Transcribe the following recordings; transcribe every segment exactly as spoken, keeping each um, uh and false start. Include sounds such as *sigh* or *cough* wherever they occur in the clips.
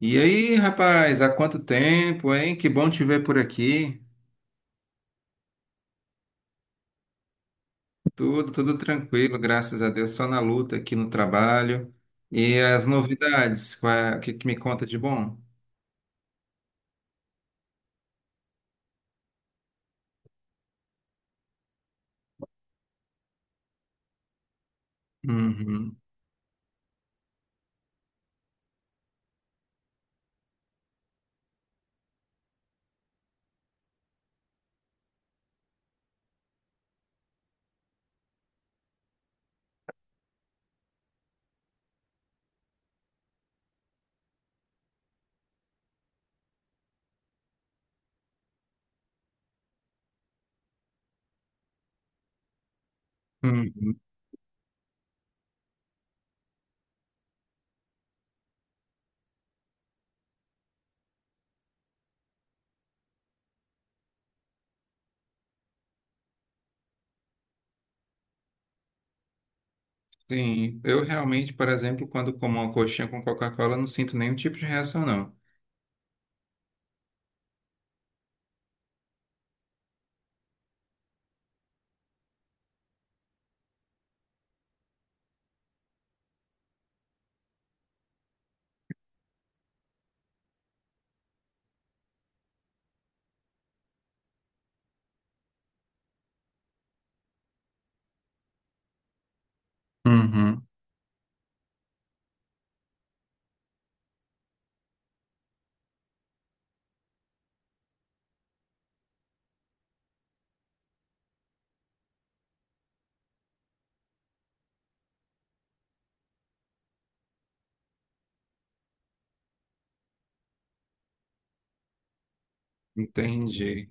E aí, rapaz, há quanto tempo, hein? Que bom te ver por aqui. Tudo, tudo tranquilo, graças a Deus. Só na luta aqui no trabalho. E as novidades, qual é- o que, que me conta de bom? Uhum, uhum. Sim, eu realmente, por exemplo, quando como uma coxinha com Coca-Cola, não sinto nenhum tipo de reação, não. Uhum. Entendi.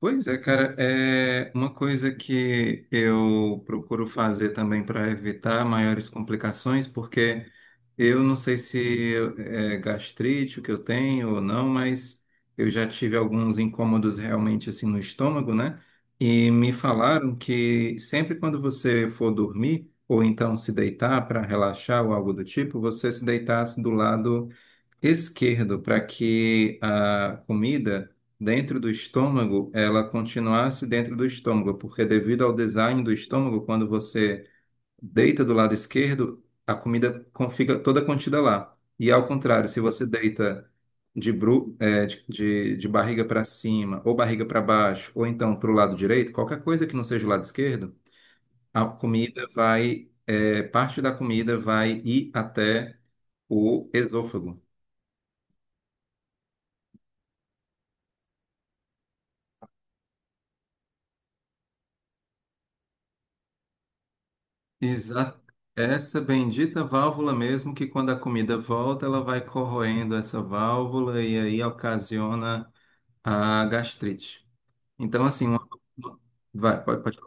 Pois é, cara, é uma coisa que eu procuro fazer também para evitar maiores complicações, porque eu não sei se é gastrite o que eu tenho ou não, mas eu já tive alguns incômodos realmente assim no estômago, né? E me falaram que sempre quando você for dormir, ou então se deitar para relaxar ou algo do tipo, você se deitasse do lado esquerdo para que a comida dentro do estômago ela continuasse dentro do estômago, porque devido ao design do estômago, quando você deita do lado esquerdo, a comida con- fica toda contida lá. E ao contrário, se você deita de, bru eh, de, de- de barriga para cima, ou barriga para baixo, ou então para o lado direito, qualquer coisa que não seja o lado esquerdo, a comida vai, eh, parte da comida vai ir até o esôfago. Exato. Essa bendita válvula mesmo que quando a comida volta, ela vai corroendo essa válvula e aí ocasiona a gastrite. Então, assim, uma, vai, pode, pode.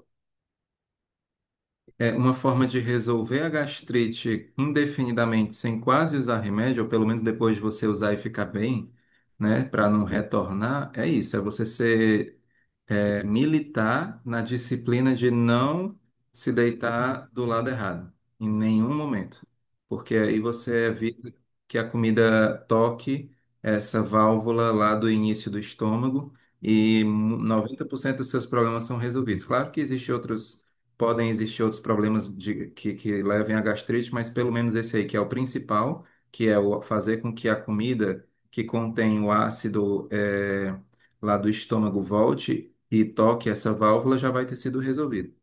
É uma forma de resolver a gastrite indefinidamente sem quase usar remédio, ou pelo menos depois de você usar e ficar bem, né, para não retornar, é isso, é você ser é, militar na disciplina de não se deitar do lado errado, em nenhum momento, porque aí você evita que a comida toque essa válvula lá do início do estômago e noventa por cento dos seus problemas são resolvidos. Claro que existem outros, podem existir outros problemas de- que, que levem à gastrite, mas pelo menos esse aí que é o principal, que é o fazer com que a comida que contém o ácido é, lá do estômago volte e toque essa válvula, já vai ter sido resolvido.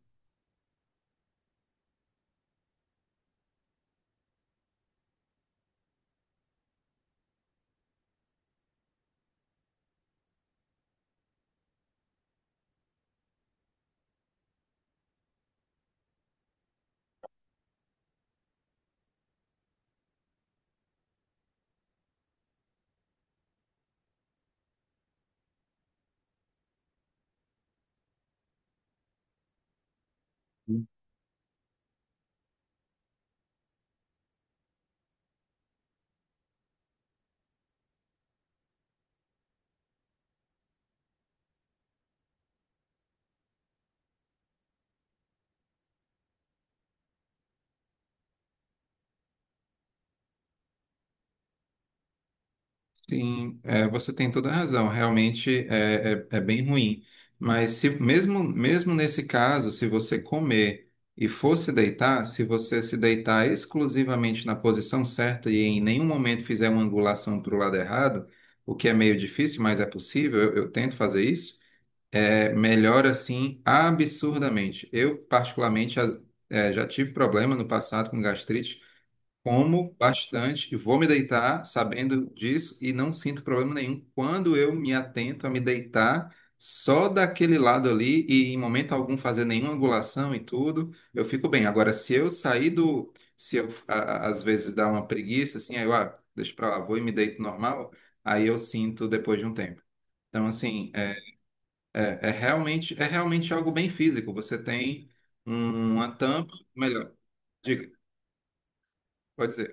Sim, é, você tem toda a razão. Realmente é, é, é bem ruim. Mas se mesmo, mesmo nesse caso, se você comer e for se deitar, se você se deitar exclusivamente na posição certa e em nenhum momento fizer uma angulação para o lado errado, o que é meio difícil, mas é possível, eu, eu tento fazer isso, é, melhora assim absurdamente. Eu, particularmente, as- é, já tive problema no passado com gastrite. Como bastante, e vou me deitar sabendo disso e não sinto problema nenhum quando eu me atento a me deitar só daquele lado ali e em momento algum fazer nenhuma angulação e tudo, eu fico bem. Agora, se eu sair do, se eu a- a- às vezes dá uma preguiça assim, aí eu, ah, deixa pra lá, vou e me deito normal, aí eu sinto depois de um tempo. Então, assim, é, é, é realmente é realmente algo bem físico. Você tem um- uma tampa, melhor, diga, pode dizer.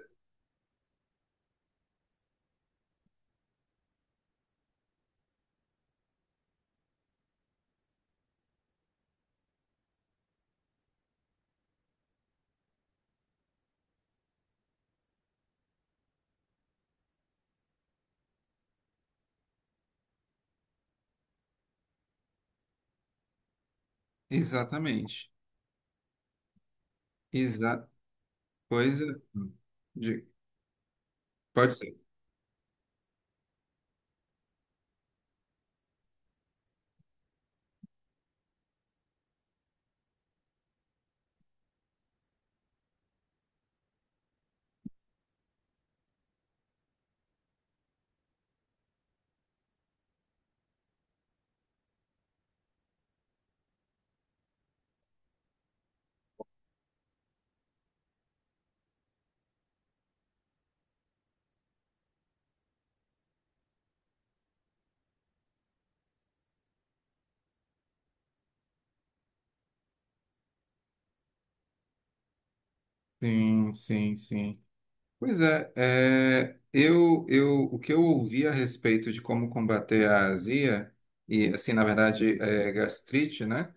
Exatamente. coisa De- Pode ser. Sim, sim, sim. Pois é, é, eu, eu, o que eu ouvi a respeito de como combater a azia, e assim, na verdade, é, gastrite, né?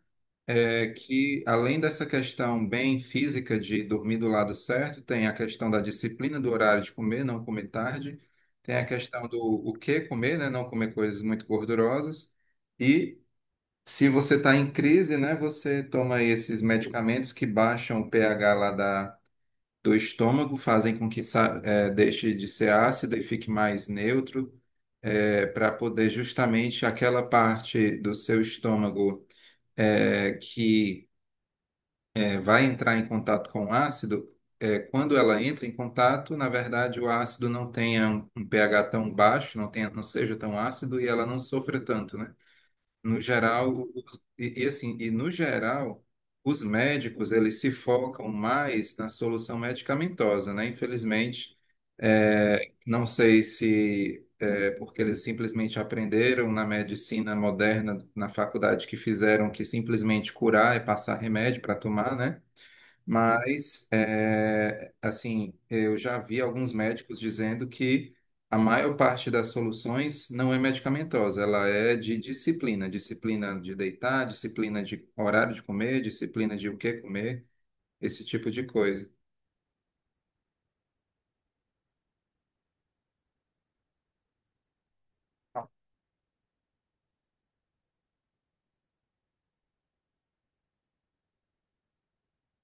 É que além dessa questão bem física de dormir do lado certo, tem a questão da disciplina do horário de comer, não comer tarde, tem a questão do o que comer, né? Não comer coisas muito gordurosas, e se você está em crise, né, você toma aí esses medicamentos que baixam o pH lá da, do estômago, fazem com que sa- eh, deixe de ser ácido e fique mais neutro, para poder justamente aquela parte do seu estômago eh, que eh, vai entrar em contato com o ácido, eh, quando ela entra em contato, na verdade o ácido não tenha um um pH tão baixo, não tenha, não seja tão ácido e ela não sofra tanto, né? No geral, e, e assim, e no geral, os médicos eles se focam mais na solução medicamentosa, né? Infelizmente, é, não sei se é porque eles simplesmente aprenderam na medicina moderna, na faculdade que fizeram que simplesmente curar é passar remédio para tomar, né? Mas, é, assim, eu já vi alguns médicos dizendo que a maior parte das soluções não é medicamentosa, ela é de disciplina, disciplina de deitar, disciplina de horário de comer, disciplina de o que comer, esse tipo de coisa.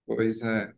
Pois é,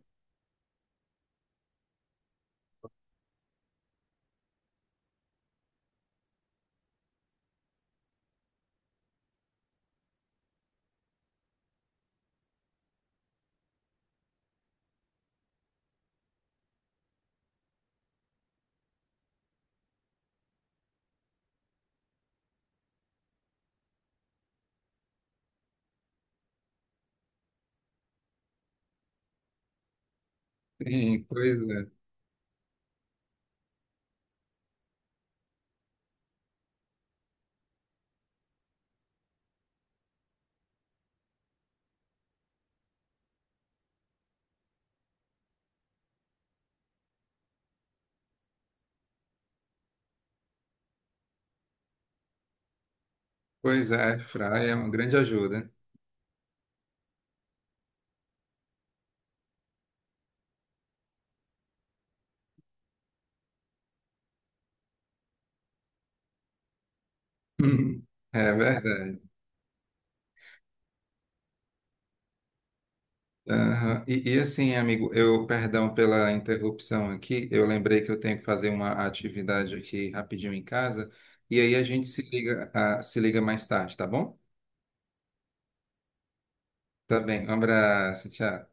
sim, pois é, pois é, Fry é uma grande ajuda. *laughs* É verdade. Aham. E, e assim, amigo, eu, perdão pela interrupção aqui, eu lembrei que eu tenho que fazer uma atividade aqui rapidinho em casa, e aí a gente se liga, ah, se liga mais tarde, tá bom? Tá bem, um abraço, tchau.